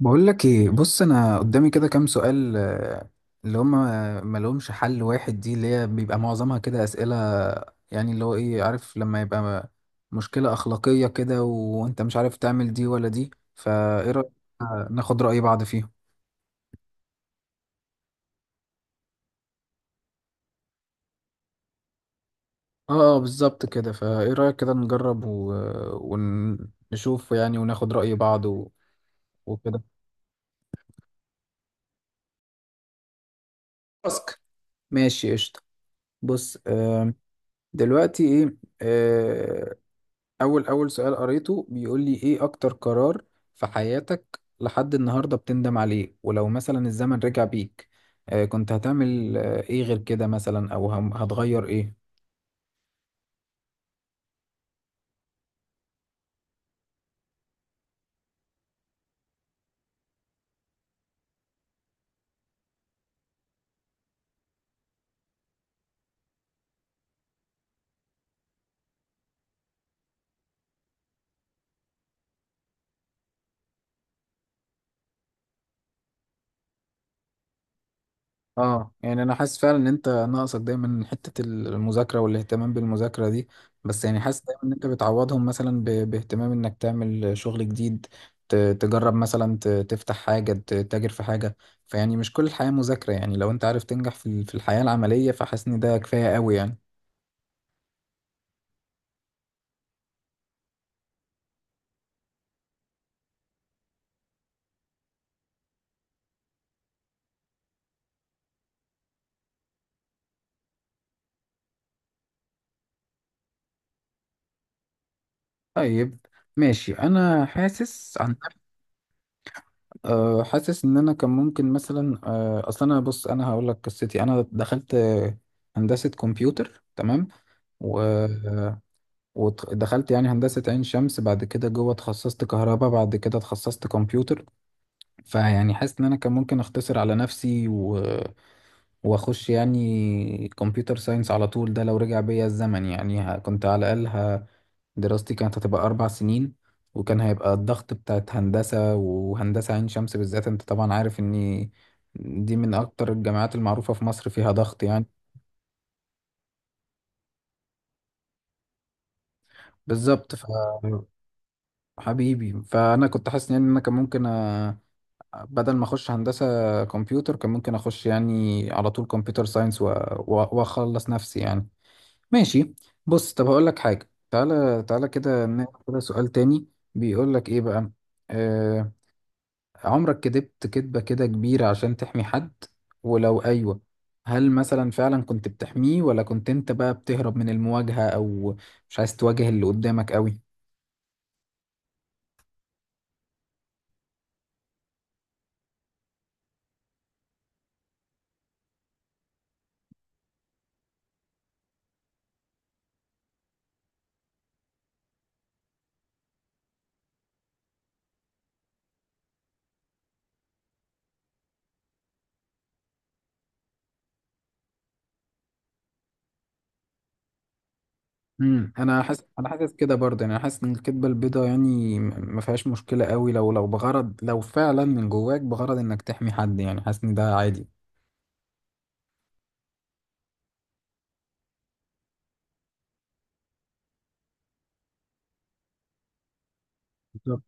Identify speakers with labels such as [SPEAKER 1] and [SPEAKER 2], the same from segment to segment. [SPEAKER 1] بقول لك ايه، بص انا قدامي كده كام سؤال، اللي هم ما لهمش حل واحد. دي اللي هي بيبقى معظمها كده اسئله يعني، اللي هو ايه؟ عارف لما يبقى مشكله اخلاقيه كده وانت مش عارف تعمل دي ولا دي؟ فايه رايك؟ ناخد راي بعض فيهم. اه بالظبط كده. فايه رايك كده نجرب ونشوف يعني، وناخد راي بعض وكده. تاسك. ماشي قشطه. بص دلوقتي ايه؟ آه، اول سؤال قريته بيقول لي ايه. اكتر قرار في حياتك لحد النهارده بتندم عليه، ولو مثلا الزمن رجع بيك كنت هتعمل ايه غير كده مثلا، او هتغير ايه؟ اه يعني انا حاسس فعلا ان انت ناقصك دايما حتة المذاكرة والاهتمام بالمذاكرة دي. بس يعني حاسس دايما ان انت بتعوضهم مثلا باهتمام انك تعمل شغل جديد، تجرب مثلا، تفتح حاجة، تتاجر في حاجة. فيعني مش كل الحياة مذاكرة يعني، لو انت عارف تنجح في في الحياة العملية، فحاسس ان ده كفاية قوي يعني. طيب ماشي. انا حاسس عن... حاسس ان انا كان ممكن مثلا اصل انا، بص انا هقول لك قصتي. انا دخلت هندسة كمبيوتر تمام. و مم. ودخلت يعني هندسة عين شمس، بعد كده جوه اتخصصت كهرباء، بعد كده اتخصصت كمبيوتر. فيعني حاسس ان انا كان ممكن اختصر على نفسي واخش يعني كمبيوتر ساينس على طول. ده لو رجع بيا الزمن يعني، كنت على الاقل دراستي كانت هتبقى 4 سنين. وكان هيبقى الضغط بتاعت هندسة، وهندسة عين شمس بالذات انت طبعا عارف ان دي من اكتر الجامعات المعروفة في مصر، فيها ضغط يعني. بالظبط. حبيبي، فانا كنت حاسس يعني ان انا كان ممكن بدل ما اخش هندسة كمبيوتر، كان ممكن اخش يعني على طول كمبيوتر ساينس واخلص نفسي يعني. ماشي. بص طب هقول لك حاجة، تعالى كده ناخد كده سؤال تاني. بيقول لك ايه بقى. آه عمرك كدبت كدبة كده كبيرة عشان تحمي حد؟ ولو ايوه، هل مثلا فعلا كنت بتحميه، ولا كنت انت بقى بتهرب من المواجهة، او مش عايز تواجه اللي قدامك قوي؟ امم، انا حاسس كده برضه يعني. انا حاسس ان الكدبه البيضاء يعني ما فيهاش مشكله قوي، لو بغرض، لو فعلا من جواك بغرض انك تحمي حد، يعني حاسس ان ده عادي. بالظبط.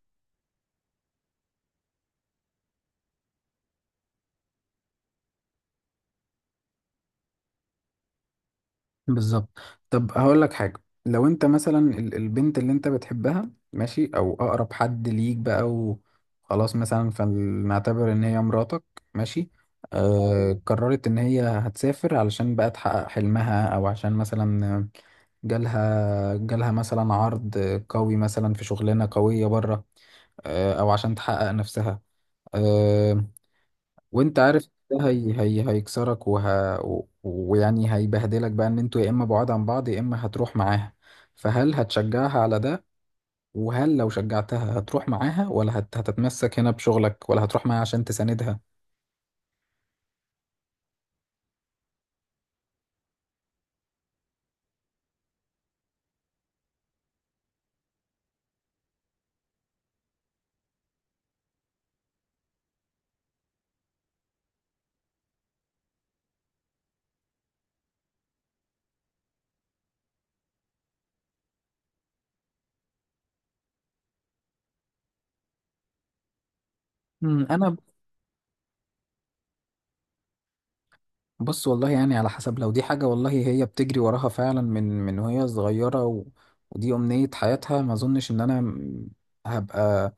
[SPEAKER 1] بالظبط. طب هقول لك حاجه، لو انت مثلا البنت اللي انت بتحبها، ماشي، او اقرب حد ليك بقى وخلاص، مثلا فنعتبر ان هي مراتك، ماشي. قررت ان هي هتسافر علشان بقى تحقق حلمها، او عشان مثلا جالها مثلا عرض قوي مثلا في شغلانة قوية بره، أو عشان تحقق نفسها. آه، وأنت عارف ده هي هيكسرك ويعني هيبهدلك بقى، إن أنتوا يا إما بعاد عن بعض يا إما هتروح معاها. فهل هتشجعها على ده؟ وهل لو شجعتها هتروح معاها، ولا هتتمسك هنا بشغلك، ولا هتروح معاها عشان تساندها؟ مم، انا... بص والله يعني على حسب، لو دي حاجة والله هي بتجري وراها فعلا من وهي صغيرة ودي أمنية حياتها، ما أظنش إن أنا هبقى،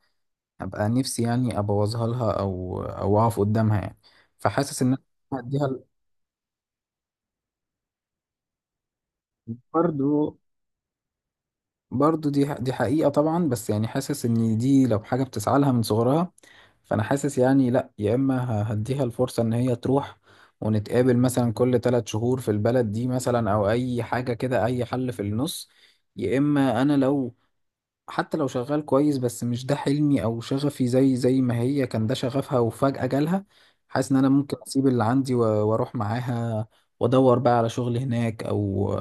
[SPEAKER 1] هبقى نفسي يعني أبوظها لها، أو أقف قدامها يعني. فحاسس إن أنا هديها. برضه برضو دي حقيقة طبعا، بس يعني حاسس ان دي لو حاجة بتسعى لها من صغرها، فانا حاسس يعني لا، يا اما هديها الفرصة ان هي تروح، ونتقابل مثلا كل 3 شهور في البلد دي مثلا، او اي حاجة كده، اي حل في النص. يا اما انا لو، حتى لو شغال كويس بس مش ده حلمي او شغفي، زي ما هي كان ده شغفها وفجأة جالها، حاسس ان انا ممكن اسيب اللي عندي واروح معاها، وادور بقى على شغل هناك، او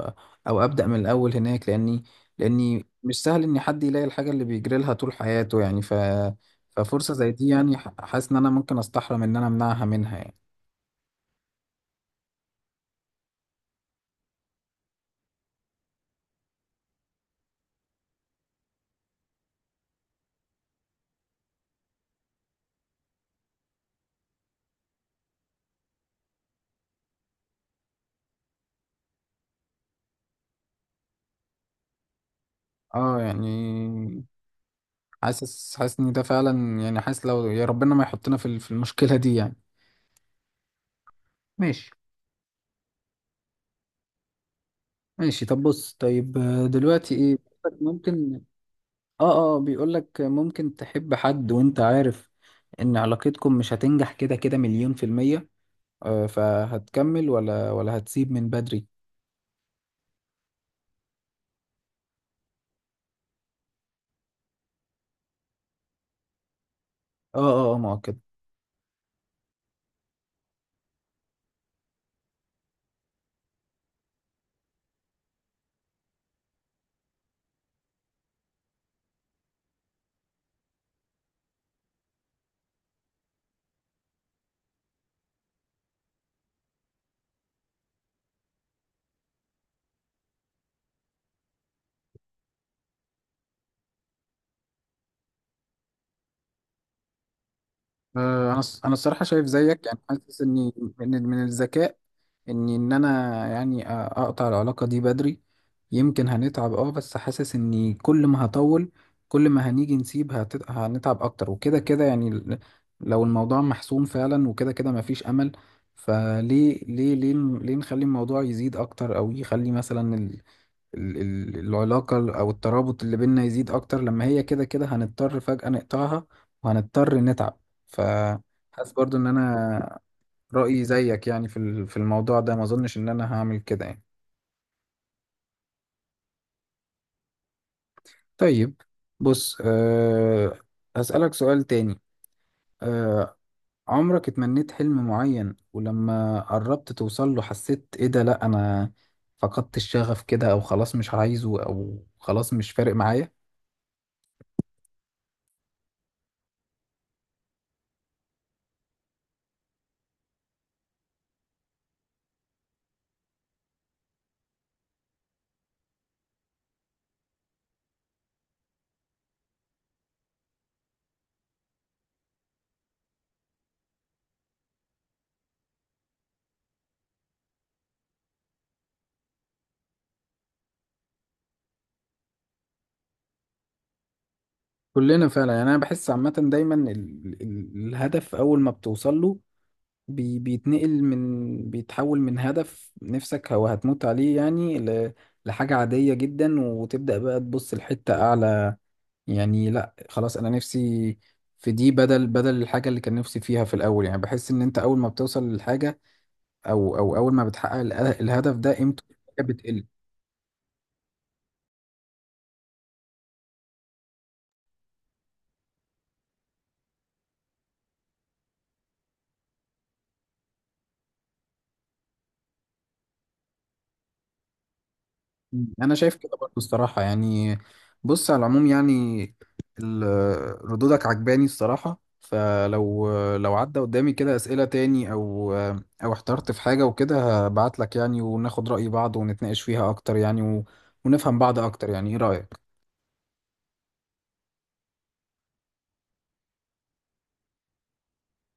[SPEAKER 1] او ابدأ من الاول هناك. لاني مش سهل ان حد يلاقي الحاجة اللي بيجري لها طول حياته يعني. ف ففرصة زي دي يعني، حاسس ان انا ممكن استحرم ان انا امنعها منها يعني. اه يعني حاسس ان ده فعلا يعني. حاسس لو يا ربنا ما يحطنا في في المشكلة دي يعني. ماشي. ماشي طب بص طيب، دلوقتي ايه. ممكن. اه اه، بيقول لك ممكن تحب حد وانت عارف ان علاقتكم مش هتنجح كده كده مليون في المية؟ فهتكمل ولا هتسيب من بدري؟ اه اه ما هو كده. انا انا الصراحه شايف زيك يعني. حاسس اني من الذكاء اني، ان انا يعني اقطع العلاقه دي بدري. يمكن هنتعب اه، بس حاسس اني كل ما هطول، كل ما هنيجي نسيب هنتعب اكتر. وكده كده يعني، لو الموضوع محسوم فعلا وكده كده مفيش امل، فليه ليه ليه ليه نخلي الموضوع يزيد اكتر، او يخلي مثلا العلاقة أو الترابط اللي بينا يزيد أكتر، لما هي كده كده هنضطر فجأة نقطعها، وهنضطر نتعب. فحاسس برضو إن أنا رأيي زيك يعني في في الموضوع ده. ما أظنش إن أنا هعمل كده يعني. طيب بص أه، هسألك سؤال تاني. أه عمرك اتمنيت حلم معين، ولما قربت توصل له حسيت إيه ده؟ لأ أنا فقدت الشغف كده، أو خلاص مش عايزه، أو خلاص مش فارق معايا؟ كلنا فعلا يعني. انا بحس عامه دايما الهدف اول ما بتوصل له، بيتنقل من، بيتحول من هدف نفسك او هتموت عليه يعني لحاجه عاديه جدا. وتبدا بقى تبص لحته اعلى يعني. لا خلاص انا نفسي في دي، بدل الحاجه اللي كان نفسي فيها في الاول يعني. بحس ان انت اول ما بتوصل للحاجه، او او اول ما بتحقق الهدف ده، قيمته بتقل. انا شايف كده برضه الصراحه يعني. بص على العموم يعني، ردودك عجباني الصراحه. فلو عدى قدامي كده اسئله تاني، او او احترت في حاجه وكده، هبعت لك يعني وناخد راي بعض ونتناقش فيها اكتر يعني ونفهم بعض اكتر يعني. ايه رايك؟